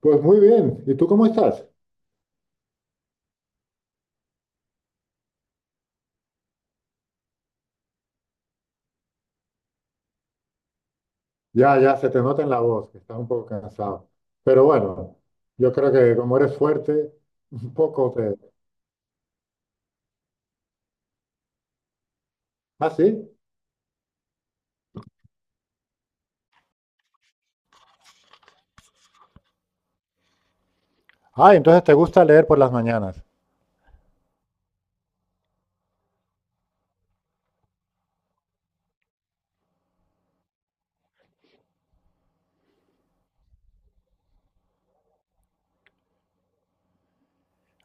Pues muy bien. ¿Y tú cómo estás? Ya, ya, se te nota en la voz que estás un poco cansado. Pero bueno, yo creo que como eres fuerte, un poco te... Ah, sí. Ah, entonces te gusta leer por las mañanas.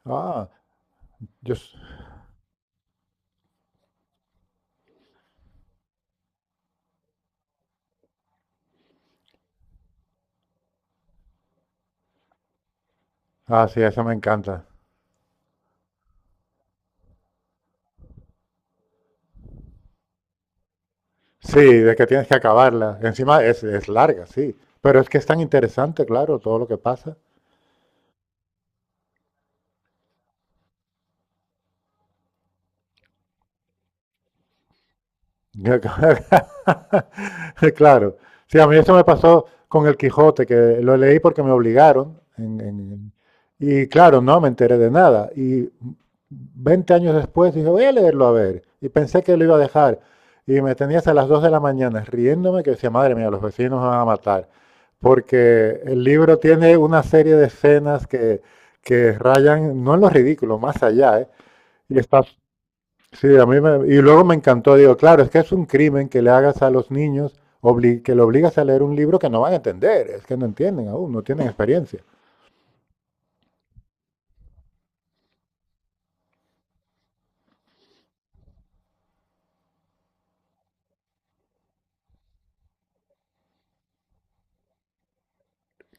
Ah, yo... s- Ah, sí, eso me encanta. Sí, de que tienes que acabarla. Encima es larga, sí. Pero es que es tan interesante, claro, todo lo que pasa. Claro. Sí, a mí eso me pasó con El Quijote, que lo leí porque me obligaron. Y claro, no me enteré de nada. Y 20 años después dije, voy a leerlo a ver. Y pensé que lo iba a dejar. Y me tenías a las 2 de la mañana riéndome que decía, madre mía, los vecinos me van a matar. Porque el libro tiene una serie de escenas que rayan, no en lo ridículo, más allá, ¿eh? Y está sí, a mí me, y luego me encantó, digo, claro, es que es un crimen que le hagas a los niños, que le obligas a leer un libro que no van a entender, es que no entienden aún, no tienen experiencia.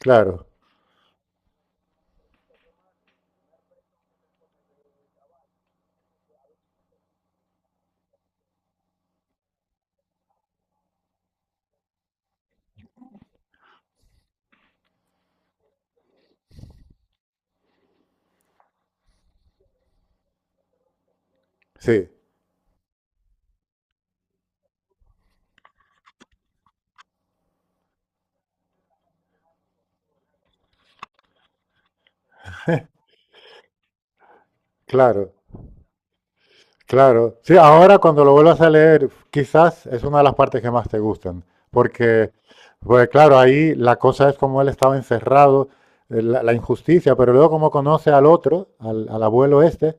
Claro, sí, claro. Claro, sí, ahora cuando lo vuelvas a leer, quizás es una de las partes que más te gustan, porque, pues claro, ahí la cosa es como él estaba encerrado, la injusticia, pero luego como conoce al otro, al, al abuelo este,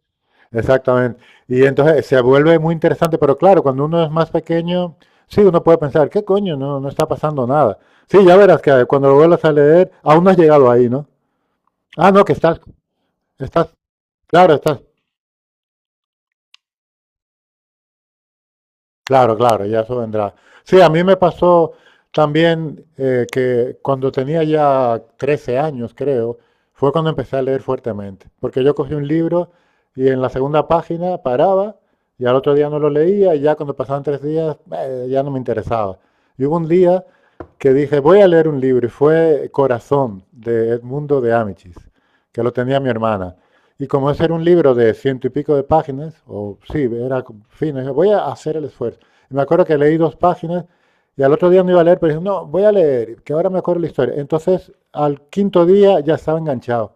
exactamente, y entonces se vuelve muy interesante, pero claro, cuando uno es más pequeño, sí, uno puede pensar, ¿qué coño? No, no está pasando nada. Sí, ya verás que cuando lo vuelvas a leer, aún no has llegado ahí, ¿no? Ah, no, que estás, estás, claro, estás. Claro, claro, ya eso vendrá. Sí, a mí me pasó también que cuando tenía ya 13 años, creo, fue cuando empecé a leer fuertemente. Porque yo cogí un libro y en la segunda página paraba y al otro día no lo leía y ya cuando pasaban 3 días ya no me interesaba. Y hubo un día que dije, voy a leer un libro y fue Corazón de Edmundo de Amichis, que lo tenía mi hermana. Y como ese era un libro de ciento y pico de páginas, o sí, era fino, dije, voy a hacer el esfuerzo. Me acuerdo que leí dos páginas y al otro día no iba a leer, pero dije, no, voy a leer, que ahora me acuerdo la historia. Entonces, al quinto día ya estaba enganchado.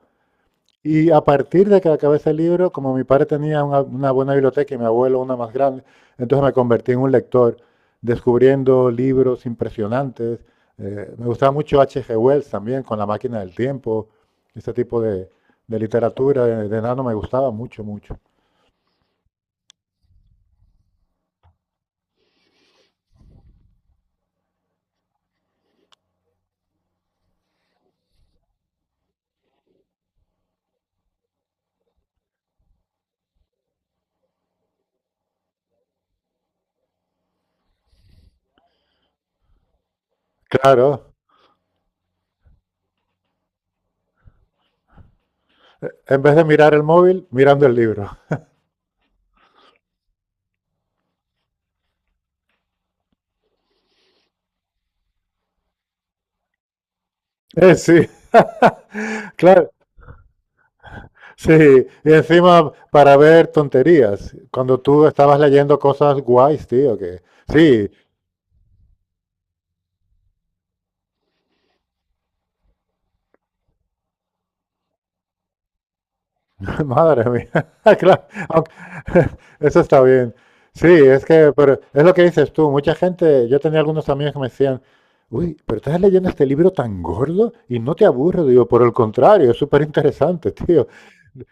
Y a partir de que acabé ese libro, como mi padre tenía una buena biblioteca y mi abuelo una más grande, entonces me convertí en un lector, descubriendo libros impresionantes. Me gustaba mucho H. G. Wells también, con La máquina del tiempo, este tipo de literatura de nano me gustaba mucho, mucho. Claro, en vez de mirar el móvil, mirando el libro. Sí. Claro, sí, y encima para ver tonterías, cuando tú estabas leyendo cosas guays, tío, que sí. Madre mía. Claro, aunque- eso está bien. Sí, es que, pero es lo que dices tú, mucha gente, yo tenía algunos amigos que me decían, uy, pero estás leyendo este libro tan gordo y no te aburre, digo, por el contrario, es súper interesante, tío.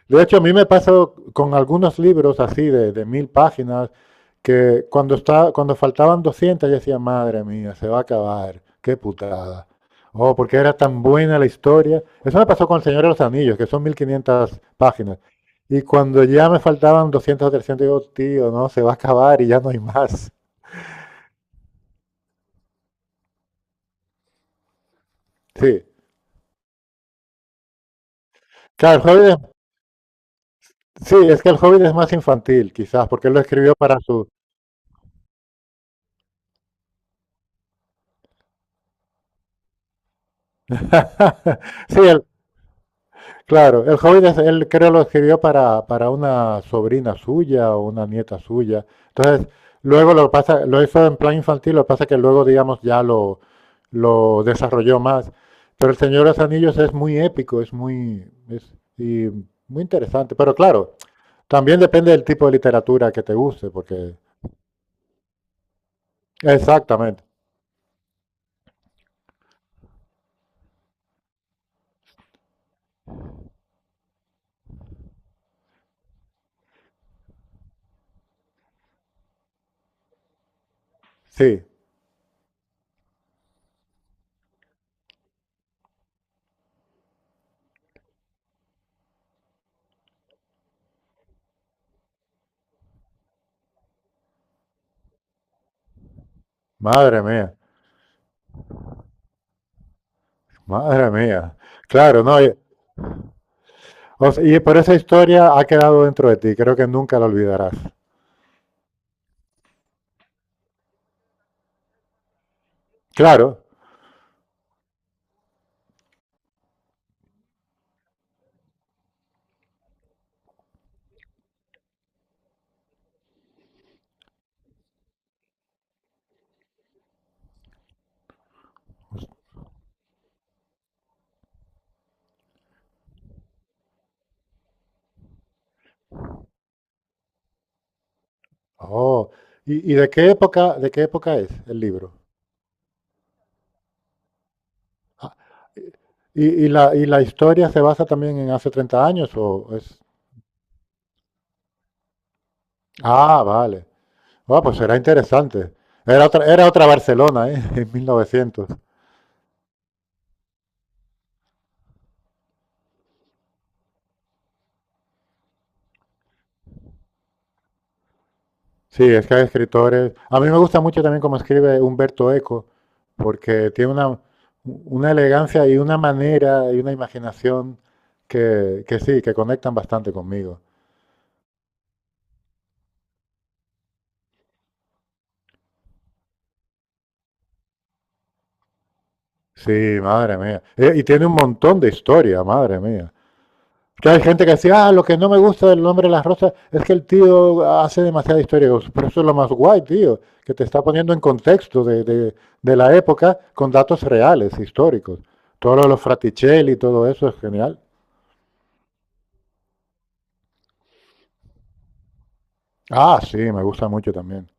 De hecho, a mí me pasa con algunos libros así de 1000 páginas, que cuando está, cuando faltaban 200 yo decía, madre mía, se va a acabar, qué putada. Oh, porque era tan buena la historia. Eso me pasó con El Señor de los Anillos, que son 1500 páginas. Y cuando ya me faltaban 200 o 300, digo, tío, no, se va a acabar y ya no hay más. Sí. Claro, el Hobbit es- sí, es que el Hobbit es más infantil, quizás, porque él lo escribió para su... sí, el- claro, el Hobbit es- él creo lo escribió para una sobrina suya o una nieta suya. Entonces, luego lo pasa, lo hizo en plan infantil, lo que pasa que luego, digamos, ya lo desarrolló más. Pero el Señor de los Anillos es muy épico, es muy, es, y muy interesante. Pero claro, también depende del tipo de literatura que te guste, porque... Exactamente, sí. Madre mía, madre mía. Claro, no. Y, o sea, y por esa historia ha quedado dentro de ti, creo que nunca la olvidarás. Claro. Oh, y de qué época es el libro? Ah, ¿y, y la historia se basa también en hace 30 años o es... Ah, vale. Ah, pues será interesante. Era otra Barcelona, ¿eh? En 1900. Sí, es que hay escritores. A mí me gusta mucho también cómo escribe Humberto Eco, porque tiene una elegancia y una manera y una imaginación que sí, que conectan bastante conmigo. Sí, madre mía. Y tiene un montón de historia, madre mía. Que hay gente que decía, ah, lo que no me gusta del nombre de las rosas es que el tío hace demasiada historia. Digo, pero eso es lo más guay, tío, que te está poniendo en contexto de la época con datos reales, históricos. Todo lo de los Fraticelli y todo eso es genial. Ah, sí, me gusta mucho también.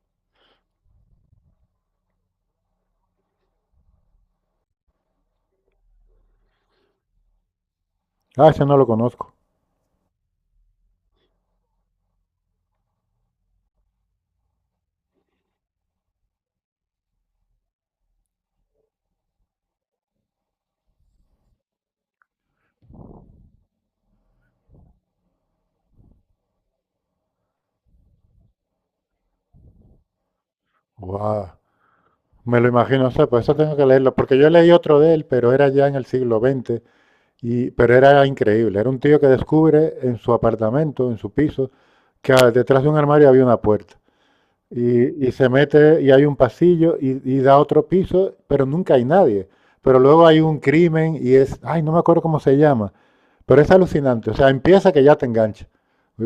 Ah, ese no lo conozco. Guau. Me lo imagino, o sea, por eso tengo que leerlo, porque yo leí otro de él, pero era ya en el siglo XX, y, pero era increíble. Era un tío que descubre en su apartamento, en su piso, que ah, detrás de un armario había una puerta. Y se mete y hay un pasillo y da otro piso, pero nunca hay nadie. Pero luego hay un crimen y es, ay, no me acuerdo cómo se llama, pero es alucinante. O sea, empieza que ya te engancha,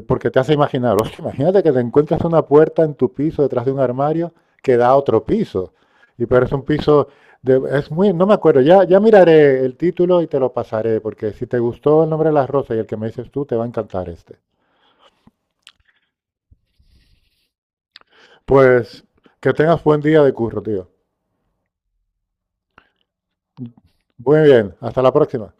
porque te hace imaginar, "Hostia, imagínate que te encuentras una puerta en tu piso detrás de un armario que da a otro piso. Y pero es un piso de, es muy, no me acuerdo, ya, ya miraré el título y te lo pasaré, porque si te gustó el nombre de las rosas y el que me dices tú, te va a encantar este. Pues que tengas buen día de curro, tío. Muy bien, hasta la próxima.